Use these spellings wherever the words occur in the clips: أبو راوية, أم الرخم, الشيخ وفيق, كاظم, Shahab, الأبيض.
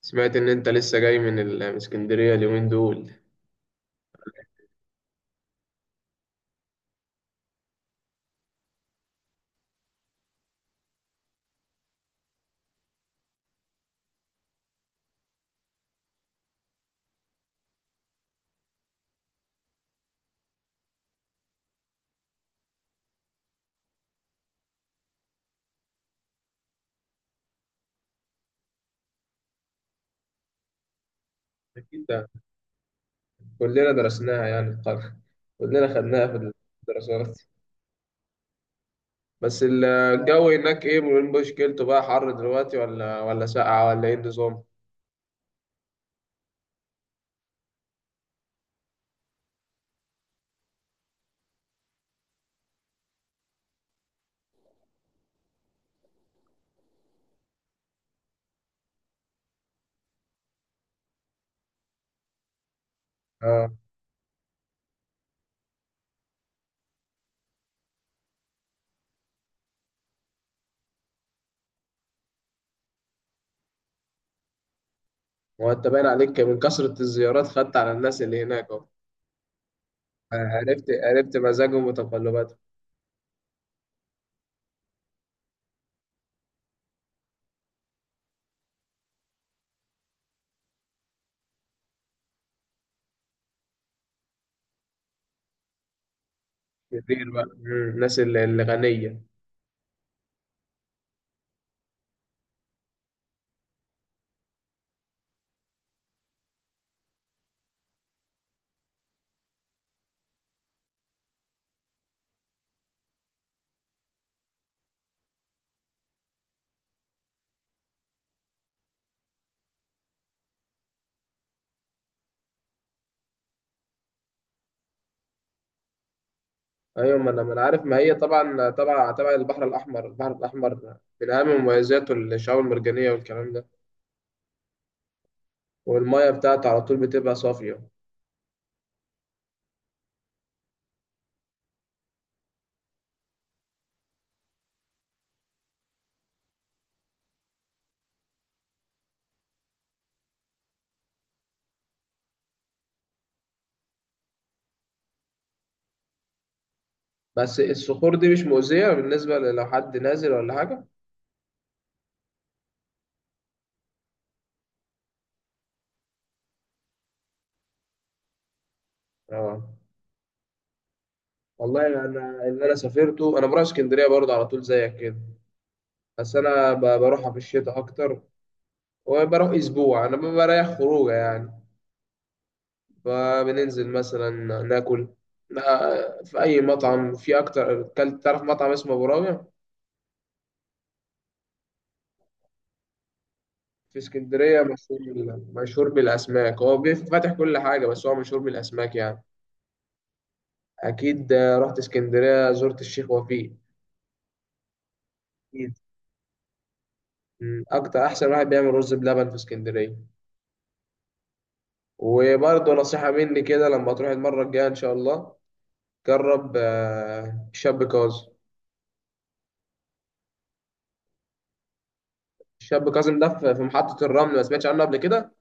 سمعت إن أنت لسه جاي من اسكندرية اليومين دول. أكيد ده، كلنا درسناها يعني كلنا خدناها في الدراسات. بس الجو هناك إيه من مشكلته بقى؟ حر دلوقتي ولا ساقعة ولا إيه النظام؟ آه. هو أنت باين عليك من كثرة الزيارات، خدت على الناس اللي هناك أهو. عرفت مزاجهم وتقلباتهم. كتير بقى. الناس الغنية. أيوة، ما أنا عارف، ما هي طبعا طبعا تبع البحر الأحمر. البحر الأحمر من أهم مميزاته الشعاب المرجانية والكلام ده. والمية بتاعته على طول بتبقى صافية. بس الصخور دي مش مؤذية بالنسبة لو حد نازل ولا حاجة؟ اه. والله أنا اللي أنا سافرته، أنا بروح اسكندرية برضه على طول زيك كده. بس أنا بروحها في الشتاء أكتر. وبروح أسبوع، أنا بريح خروجة يعني. فبننزل مثلا، ناكل في أي مطعم. في أكتر، كلت تعرف مطعم اسمه أبو راوية؟ في اسكندرية مشهور مشهور بالأسماك، هو فاتح كل حاجة بس هو مشهور بالأسماك يعني. أكيد، رحت اسكندرية زرت الشيخ وفيق. أكيد. مم. أكتر، أحسن واحد بيعمل رز بلبن في اسكندرية. وبرضه نصيحة مني كده، لما تروح المرة الجاية إن شاء الله جرب الشاب كاظم. الشاب كاظم ده في محطة الرمل، ما سمعتش عنه قبل كده؟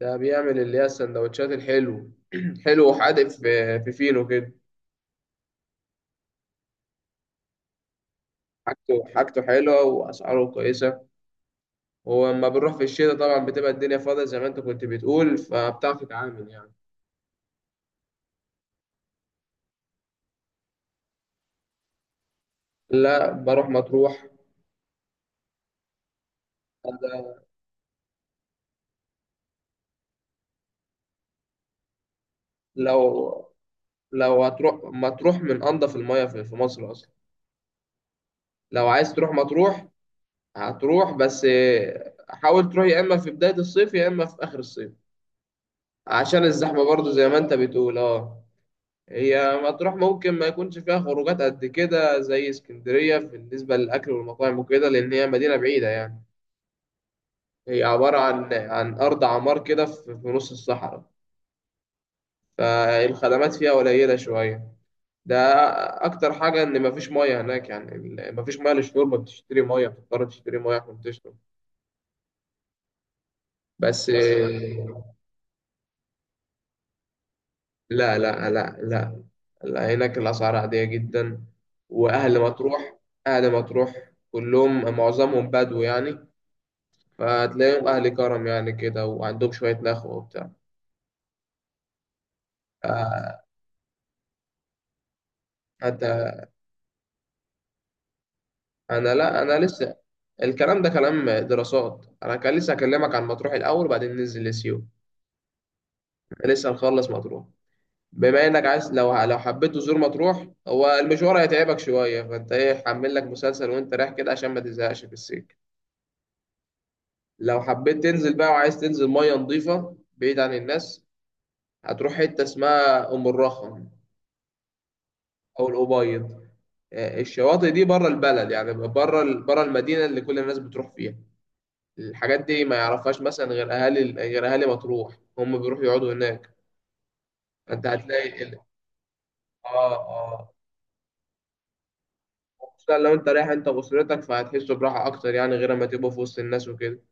ده بيعمل اللي هي السندوتشات الحلو. حلو وحادق، في فينو كده. حاجته حلوة وأسعاره كويسة. ولما بنروح في الشتاء طبعا بتبقى الدنيا فاضية زي ما أنت كنت بتقول، فبتعرف تتعامل يعني. لا، بروح مطروح. لو لو هتروح مطروح، من انضف المياه في مصر اصلا. لو عايز تروح مطروح هتروح، بس حاول تروح يا اما في بداية الصيف يا اما في اخر الصيف، عشان الزحمة برضو زي ما انت بتقول. اه. هي مطروح ممكن ما يكونش فيها خروجات قد كده زي اسكندرية بالنسبة للأكل والمطاعم وكده، لأن هي مدينة بعيدة يعني. هي عبارة عن أرض عمار كده في نص الصحراء. فالخدمات فيها قليلة شوية. ده اكتر حاجه، ان مفيش ميه هناك يعني، مفيش ميه للشرب، بتشتري ميه، بتضطر تشتري ميه عشان تشرب. بس لا لا لا لا، لا هناك الاسعار عاديه جدا. واهل مطروح اهل مطروح كلهم معظمهم بدو يعني، فتلاقيهم اهل كرم يعني كده، وعندهم شويه نخوه وبتاع. آه، انت، انا لا انا لسه. الكلام ده كلام دراسات، انا كان لسه اكلمك عن مطروح الاول وبعدين ننزل لسيوه. لسه نخلص مطروح. بما انك عايز، لو حبيت تزور مطروح، هو المشوار هيتعبك شويه، فانت ايه حمل لك مسلسل وانت رايح كده عشان ما تزهقش في السكه. لو حبيت تنزل بقى وعايز تنزل ميه نظيفه بعيد عن الناس، هتروح حته اسمها ام الرخم او الابيض. الشواطئ دي بره البلد يعني بره بره المدينه اللي كل الناس بتروح فيها. الحاجات دي ما يعرفهاش مثلا غير اهالي مطروح، هم بيروحوا يقعدوا هناك. فانت هتلاقي اه آه. خصوصا لو انت رايح انت واسرتك فهتحسوا براحه اكتر يعني، غير ما تبقوا في وسط الناس وكده.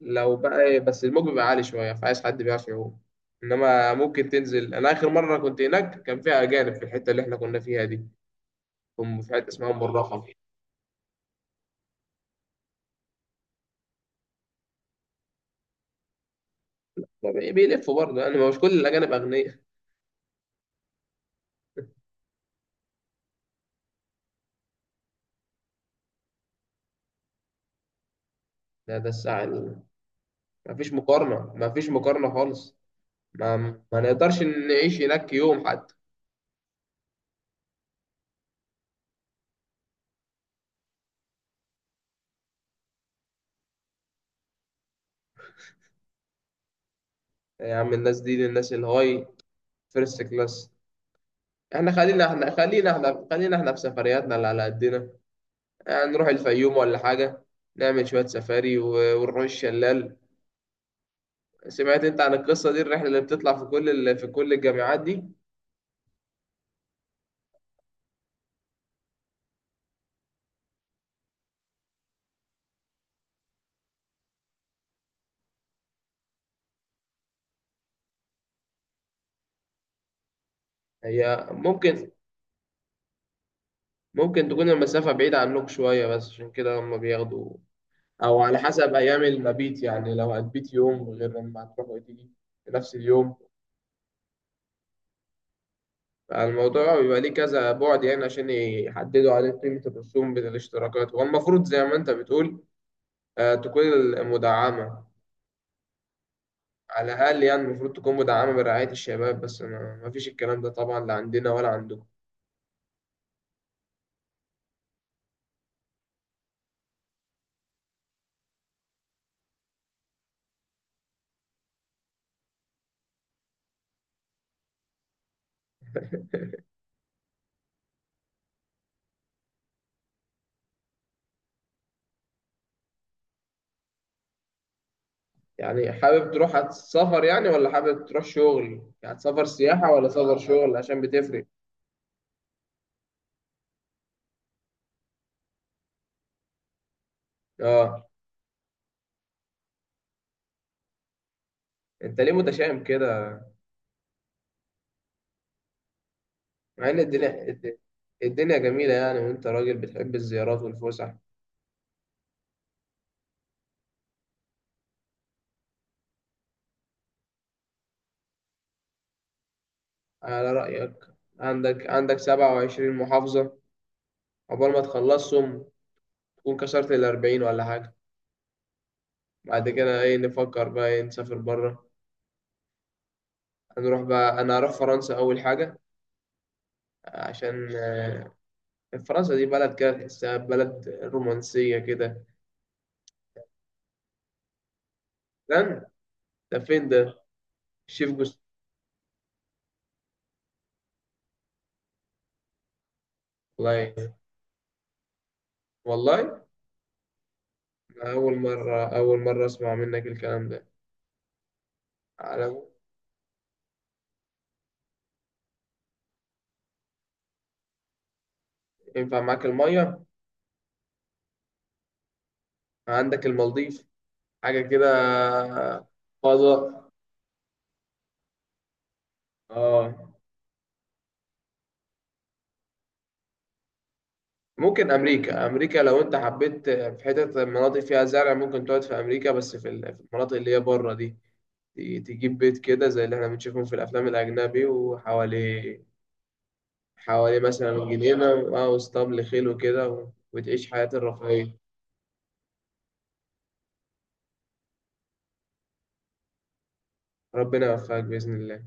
لو بقى بس الموج بيبقى عالي شويه، فعايز حد بيعرف يعوم. انما ممكن تنزل، انا اخر مره كنت هناك كان فيها اجانب في الحته اللي احنا كنا فيها دي. هم في حته اسمها ام الرخم. بيلفوا برضه يعني، ما مش كل الاجانب اغنياء. ده الساعه. ما فيش مقارنه، ما فيش مقارنه خالص. ما, ما نقدرش نعيش هناك يوم حتى. يا عم، الناس دي الناس الهاي، فيرست كلاس. احنا في سفرياتنا اللي على قدنا. نروح الفيوم ولا حاجة، نعمل شوية سفاري ونروح الشلال. سمعت انت عن القصة دي، الرحلة اللي بتطلع في كل ال... في كل الجامعات دي؟ هي ممكن تكون المسافة بعيدة عنك شوية بس عشان كده هم بياخدوا، أو على حسب أيام المبيت يعني، لو هتبيت يوم غير لما هتروح وتيجي في نفس اليوم. فالموضوع بيبقى ليه كذا بعد يعني، عشان يحددوا عليه قيمة الرسوم بين الاشتراكات. هو المفروض زي ما انت بتقول تكون المدعمة، على الأقل يعني. المفروض تكون مدعمة برعاية الشباب، بس ما فيش الكلام ده طبعا لا عندنا ولا عندكم. يعني حابب تروح، هتسافر يعني ولا حابب تروح شغل؟ يعني هتسافر سياحة ولا سفر شغل، عشان بتفرق. اه. انت ليه متشائم كده؟ مع ان الدنيا الدنيا جميلة يعني، وانت راجل بتحب الزيارات والفسح. على رأيك. عندك 27 محافظة، عقبال ما تخلصهم تكون كسرت ال 40 ولا حاجة. بعد كده ايه؟ نفكر بقى ايه، نسافر بره. هنروح بقى، انا هروح فرنسا اول حاجة. عشان فرنسا دي بلد كده تحسها بلد رومانسية كده. لن، ده فين ده؟ شيف جوست. والله، والله، أول مرة، أول مرة أسمع منك الكلام ده. على، ينفع معاك المية؟ عندك المالديف، حاجة كده. آه، فضاء. آه. ممكن أمريكا لو أنت حبيت في حتة مناطق فيها زرع ممكن تقعد في أمريكا، بس في في المناطق اللي هي بره دي. ت- تجيب بيت كده زي اللي احنا بنشوفهم في الأفلام الأجنبي وحواليه، حوالي مثلا جنينة أو اسطبل خيل وكده وتعيش حياة الرفاهية. ربنا يوفقك بإذن الله.